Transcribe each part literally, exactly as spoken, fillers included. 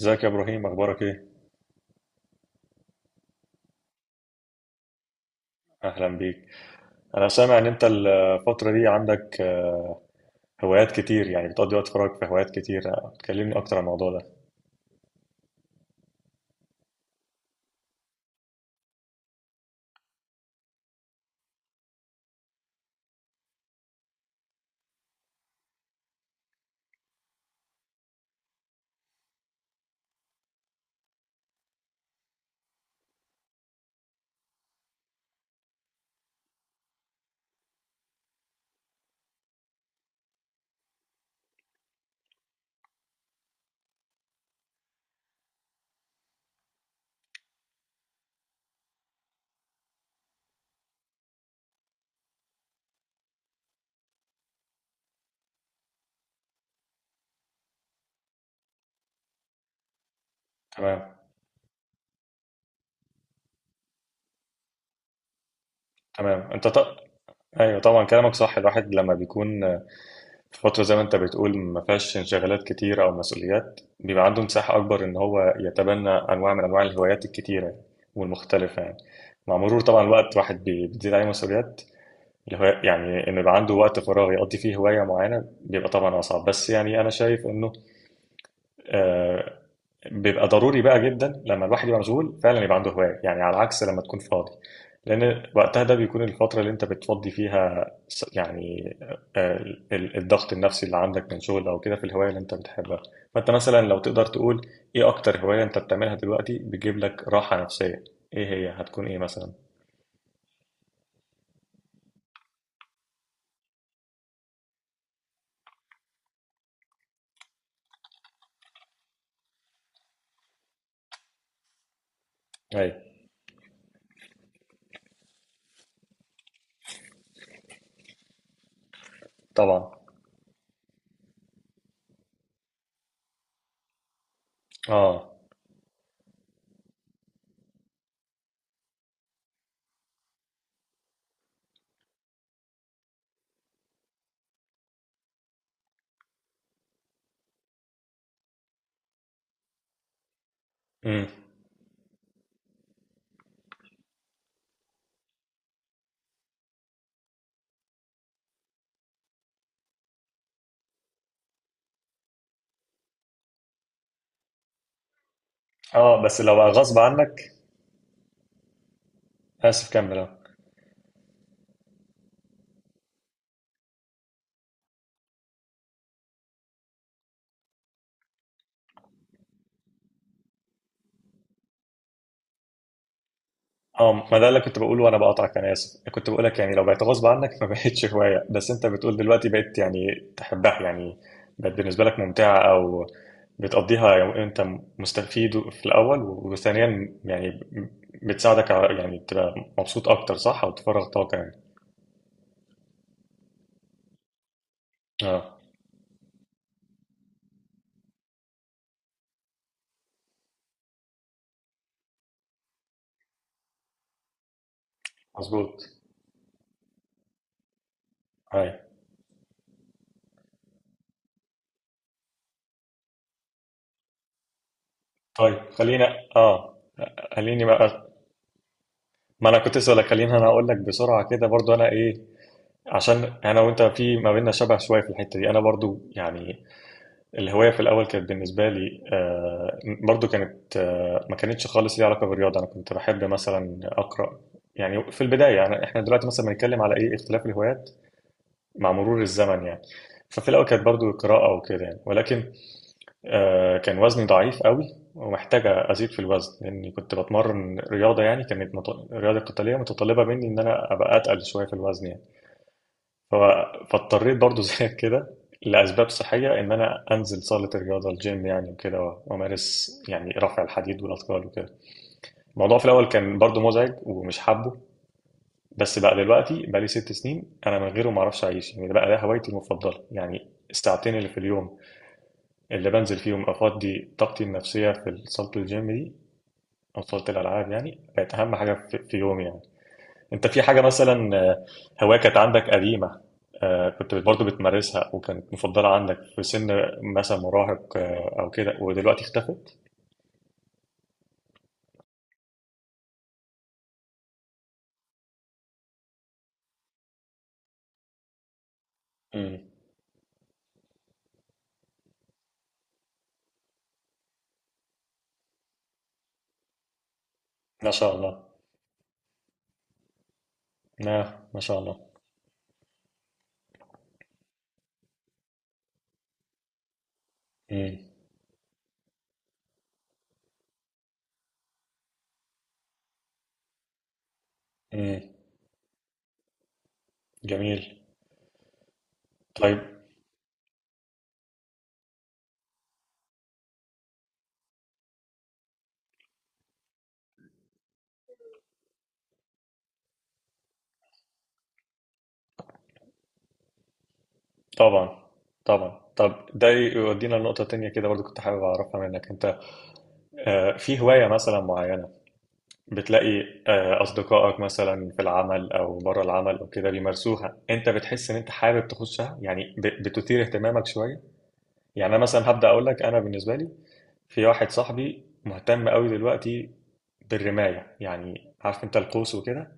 ازيك يا ابراهيم، اخبارك ايه؟ اهلا بيك. انا سامع ان انت الفتره دي عندك آه، هوايات كتير، يعني بتقضي وقت فراغك في هوايات كتير. آه، تكلمني اكتر عن الموضوع ده. تمام تمام. انت ط... ايوه طبعا، كلامك صح. الواحد لما بيكون آه، في فتره زي ما انت بتقول، ما فيهاش انشغالات كتير او مسؤوليات، بيبقى عنده مساحه اكبر ان هو يتبنى انواع من انواع الهوايات الكتيره والمختلفه يعني. مع مرور طبعا الوقت، الواحد بي- بتزيد عليه مسؤوليات الهواية، يعني إنه يبقى عنده وقت فراغ يقضي فيه هواية معينة بيبقى طبعا أصعب. بس يعني أنا شايف إنه آه، بيبقى ضروري بقى جدا لما الواحد يبقى مشغول فعلا يبقى عنده هواية، يعني على عكس لما تكون فاضي. لأن وقتها ده بيكون الفترة اللي أنت بتفضي فيها س- يعني آه، آه، ال- الضغط النفسي اللي عندك من شغل أو كده في الهواية اللي أنت بتحبها. فأنت مثلا لو تقدر تقول إيه أكتر هواية أنت بتعملها دلوقتي بتجيب لك راحة نفسية، إيه هي هتكون إيه مثلا؟ أيوة. طبعا. آه. امم. اه، بس لو بقى غصب عنك. اسف، كمل. اه. اه، ما ده اللي كنت بقوله وانا بقاطعك، انا اسف. كنت بقولك يعني لو بقت غصب عنك ما بقتش هوايه، بس انت بتقول دلوقتي بقيت يعني تحبها يعني. بقت بالنسبه لك ممتعه، او بتقضيها يعني. انت مستفيد في الاول، وثانيا يعني بتساعدك على يعني تبقى مبسوط اكتر، صح؟ او تفرغ طاقه يعني. اه، مظبوط. ايوه. طيب، خلينا. اه خليني بقى. ما انا كنت اسالك، خليني انا اقول لك بسرعه كده برضو انا ايه، عشان انا وانت في ما بيننا شبه شويه في الحته دي. انا برضو يعني الهوايه في الاول كانت بالنسبه لي، آه، برضو كانت، آه، ما كانتش خالص ليها علاقه بالرياضه. انا كنت بحب مثلا اقرا يعني، في البدايه يعني. احنا دلوقتي مثلا بنتكلم على ايه؟ اختلاف الهوايات مع مرور الزمن يعني. ففي الاول كانت برضو القراءه وكده يعني، ولكن آه، كان وزني ضعيف قوي ومحتاج ازيد في الوزن، لاني كنت بتمرن رياضه يعني. كانت مط... رياضه قتاليه متطلبه مني ان انا ابقى اتقل شويه في الوزن يعني. ف- فاضطريت برضو زيك كده لأسباب صحية، إن أنا أنزل صالة الرياضة الجيم يعني وكده، و- وأمارس يعني رفع الحديد والأثقال وكده. الموضوع في الأول كان برضو مزعج ومش حابه، بس بقى دلوقتي بقى لي ست سنين أنا من غيره ما أعرفش أعيش يعني. ده بقى ده هوايتي المفضلة يعني. الساعتين اللي في اليوم اللي بنزل فيهم أفضي طاقتي النفسية في صالة الجيم دي أو صالة الألعاب، يعني بقت أهم حاجة في في يومي يعني. انت في حاجة مثلا آه، هواية كانت عندك قديمة، آه، كنت برضه بتمارسها وكانت مفضلة عندك في سن مثلا مراهق آه، او كده، ودلوقتي اختفت؟ امم. ما شاء الله. آه، ما شاء الله. امم. امم. جميل. طيب. طبعا. طبعا طب ده يودينا لنقطة تانية كده برضه، كنت حابب أعرفها منك أنت. آه، في هواية مثلا معينة بتلاقي آه، أصدقائك مثلا في العمل أو بره العمل أو كده بيمارسوها، أنت بتحس إن أنت حابب تخشها يعني، ب- بتثير اهتمامك شوية؟ يعني أنا مثلا هبدأ أقول لك، أنا بالنسبة لي في واحد صاحبي مهتم قوي دلوقتي بالرماية، يعني عارف أنت القوس وكده.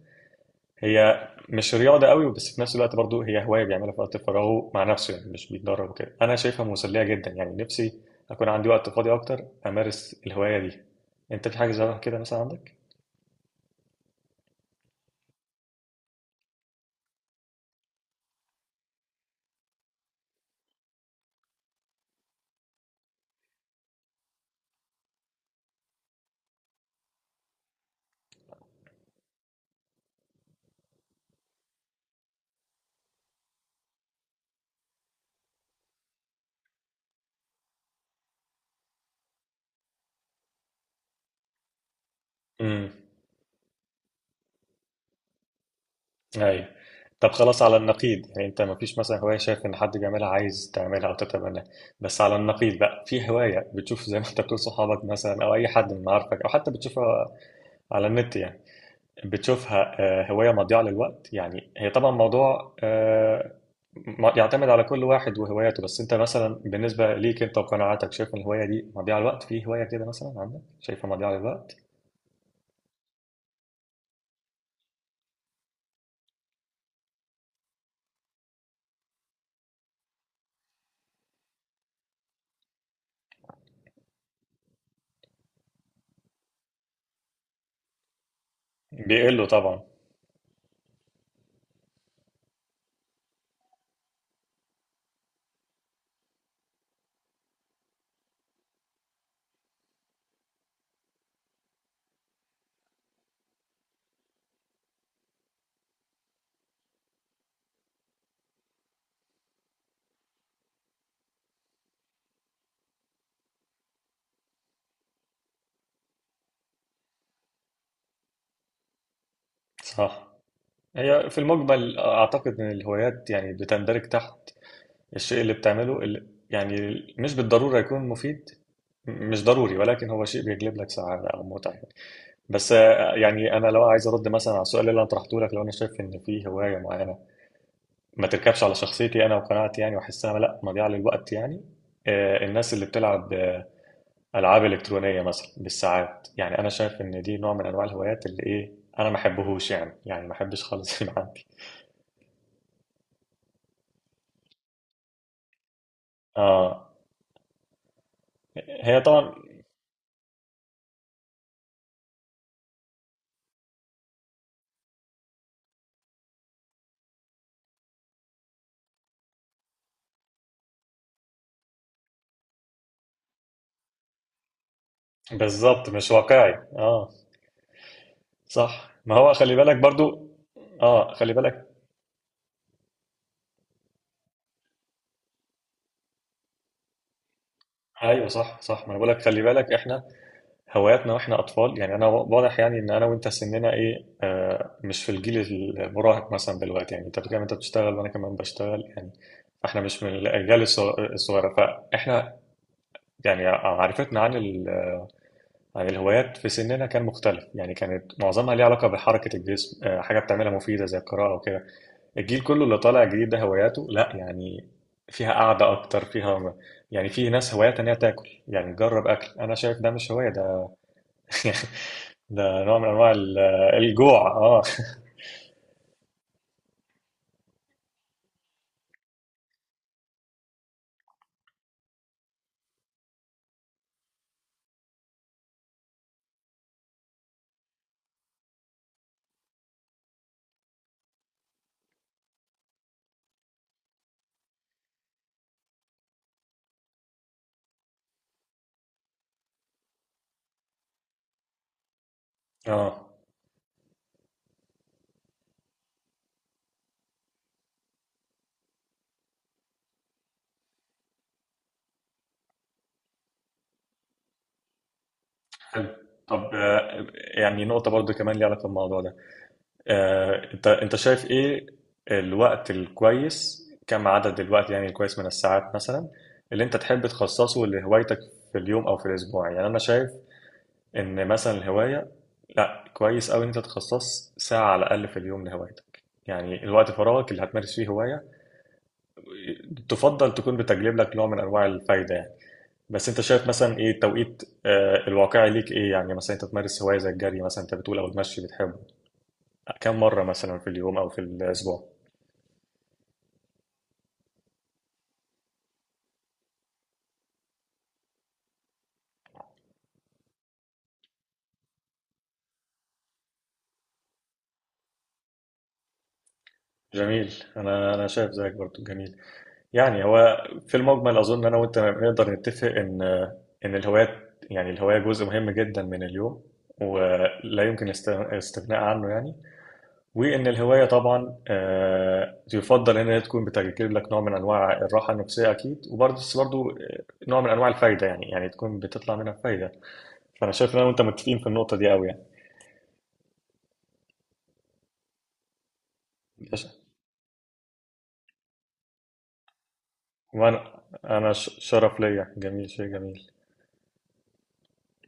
هي مش رياضة قوي بس في نفس الوقت برضو هي هواية بيعملها في وقت فراغه مع نفسه، يعني مش بيتدرب وكده. أنا شايفها مسلية جدا يعني، نفسي أكون عندي وقت فاضي أكتر أمارس الهواية دي. أنت في حاجة زي كده مثلا عندك؟ ايوه. طب خلاص، على النقيض يعني. انت ما فيش مثلا هوايه شايف ان حد بيعملها عايز تعملها او تتبناها، بس على النقيض بقى، في هوايه بتشوف زي ما انت بتقول صحابك مثلا او اي حد من معارفك، او حتى بتشوفها على النت يعني، بتشوفها آه، هوايه مضيعه للوقت يعني؟ هي طبعا موضوع، آه، م- يعتمد على كل واحد وهواياته، بس انت مثلا بالنسبه ليك انت وقناعاتك شايف ان الهوايه دي مضيعه للوقت؟ في هوايه كده مثلا عندك شايفها مضيعه للوقت؟ بيقلوا طبعا. صح. هي في المجمل أعتقد إن الهوايات يعني بتندرج تحت الشيء اللي بتعمله، اللي يعني مش بالضرورة يكون مفيد، م- مش ضروري، ولكن هو شيء بيجلب لك سعادة أو متعة يعني. بس آه، يعني أنا لو عايز أرد مثلا على السؤال اللي أنا طرحته لك، لو أنا شايف إن في هواية معينة ما تركبش على شخصيتي أنا وقناعتي يعني، وأحسها لأ، مضيعة للوقت يعني. آه، الناس اللي بتلعب آه، ألعاب إلكترونية مثلا بالساعات، يعني أنا شايف إن دي نوع من أنواع الهوايات اللي إيه، أنا ما أحبهوش يعني يعني ما أحبش خالص يبقى عندي. اه. هي طبعا. بالظبط، مش واقعي. اه، صح. ما هو خلي بالك برضو. اه خلي بالك. ايوه، صح صح. ما انا بقول لك خلي بالك، احنا هواياتنا واحنا اطفال يعني، انا واضح يعني ان انا وانت سننا ايه، آه مش في الجيل المراهق مثلا دلوقتي يعني. انت بتتكلم، انت بتشتغل، وانا كمان بشتغل يعني. احنا مش من الاجيال الصغ- الصغيره، فاحنا يعني معرفتنا عن ال- عن الهوايات في سننا كان مختلف يعني. كانت معظمها ليها علاقه بحركه الجسم، آه، حاجه بتعملها مفيده زي القراءه وكده. الجيل كله اللي طالع جديد ده هواياته لا، يعني فيها قعدة أكتر، فيها يعني، في ناس هواياتها إن هي تاكل، يعني تجرب أكل. أنا شايف ده مش هواية ده. ده نوع من أنواع ال- الجوع. أه. أه. حلو. طب آه، يعني نقطة برضو كمان ليها علاقة بالموضوع ده. آه، أنت أنت شايف إيه الوقت الكويس، كم عدد الوقت يعني الكويس من الساعات مثلا اللي أنت تحب تخصصه لهوايتك في اليوم أو في الأسبوع؟ يعني أنا شايف ان مثلا الهوايه، لا كويس قوي ان انت تخصص ساعه على الاقل في اليوم لهوايتك، يعني الوقت فراغك اللي هتمارس فيه هوايه تفضل تكون بتجلب لك نوع من انواع الفايده يعني. بس انت شايف مثلا ايه التوقيت آه، الواقعي ليك ايه يعني؟ مثلا انت تمارس هوايه زي الجري مثلا انت بتقول، او المشي بتحبه، كم مره مثلا في اليوم او في الاسبوع؟ جميل. انا انا شايف زيك برضو، جميل يعني. هو في المجمل اظن انا وانت نقدر نتفق ان ان الهوايات، يعني الهوايه جزء مهم جدا من اليوم ولا يمكن الاست- الاستغناء عنه يعني. وان الهوايه طبعا آه، يفضل ان هي تكون بتجلب لك نوع من انواع الراحه النفسيه اكيد، وبرضه بس برضه آه، نوع من انواع الفايده يعني، يعني تكون بتطلع منها فايده. فانا شايف ان انا وانت متفقين في النقطه دي قوي يعني. وانا انا ش- شرف ليا، جميل، شيء جميل.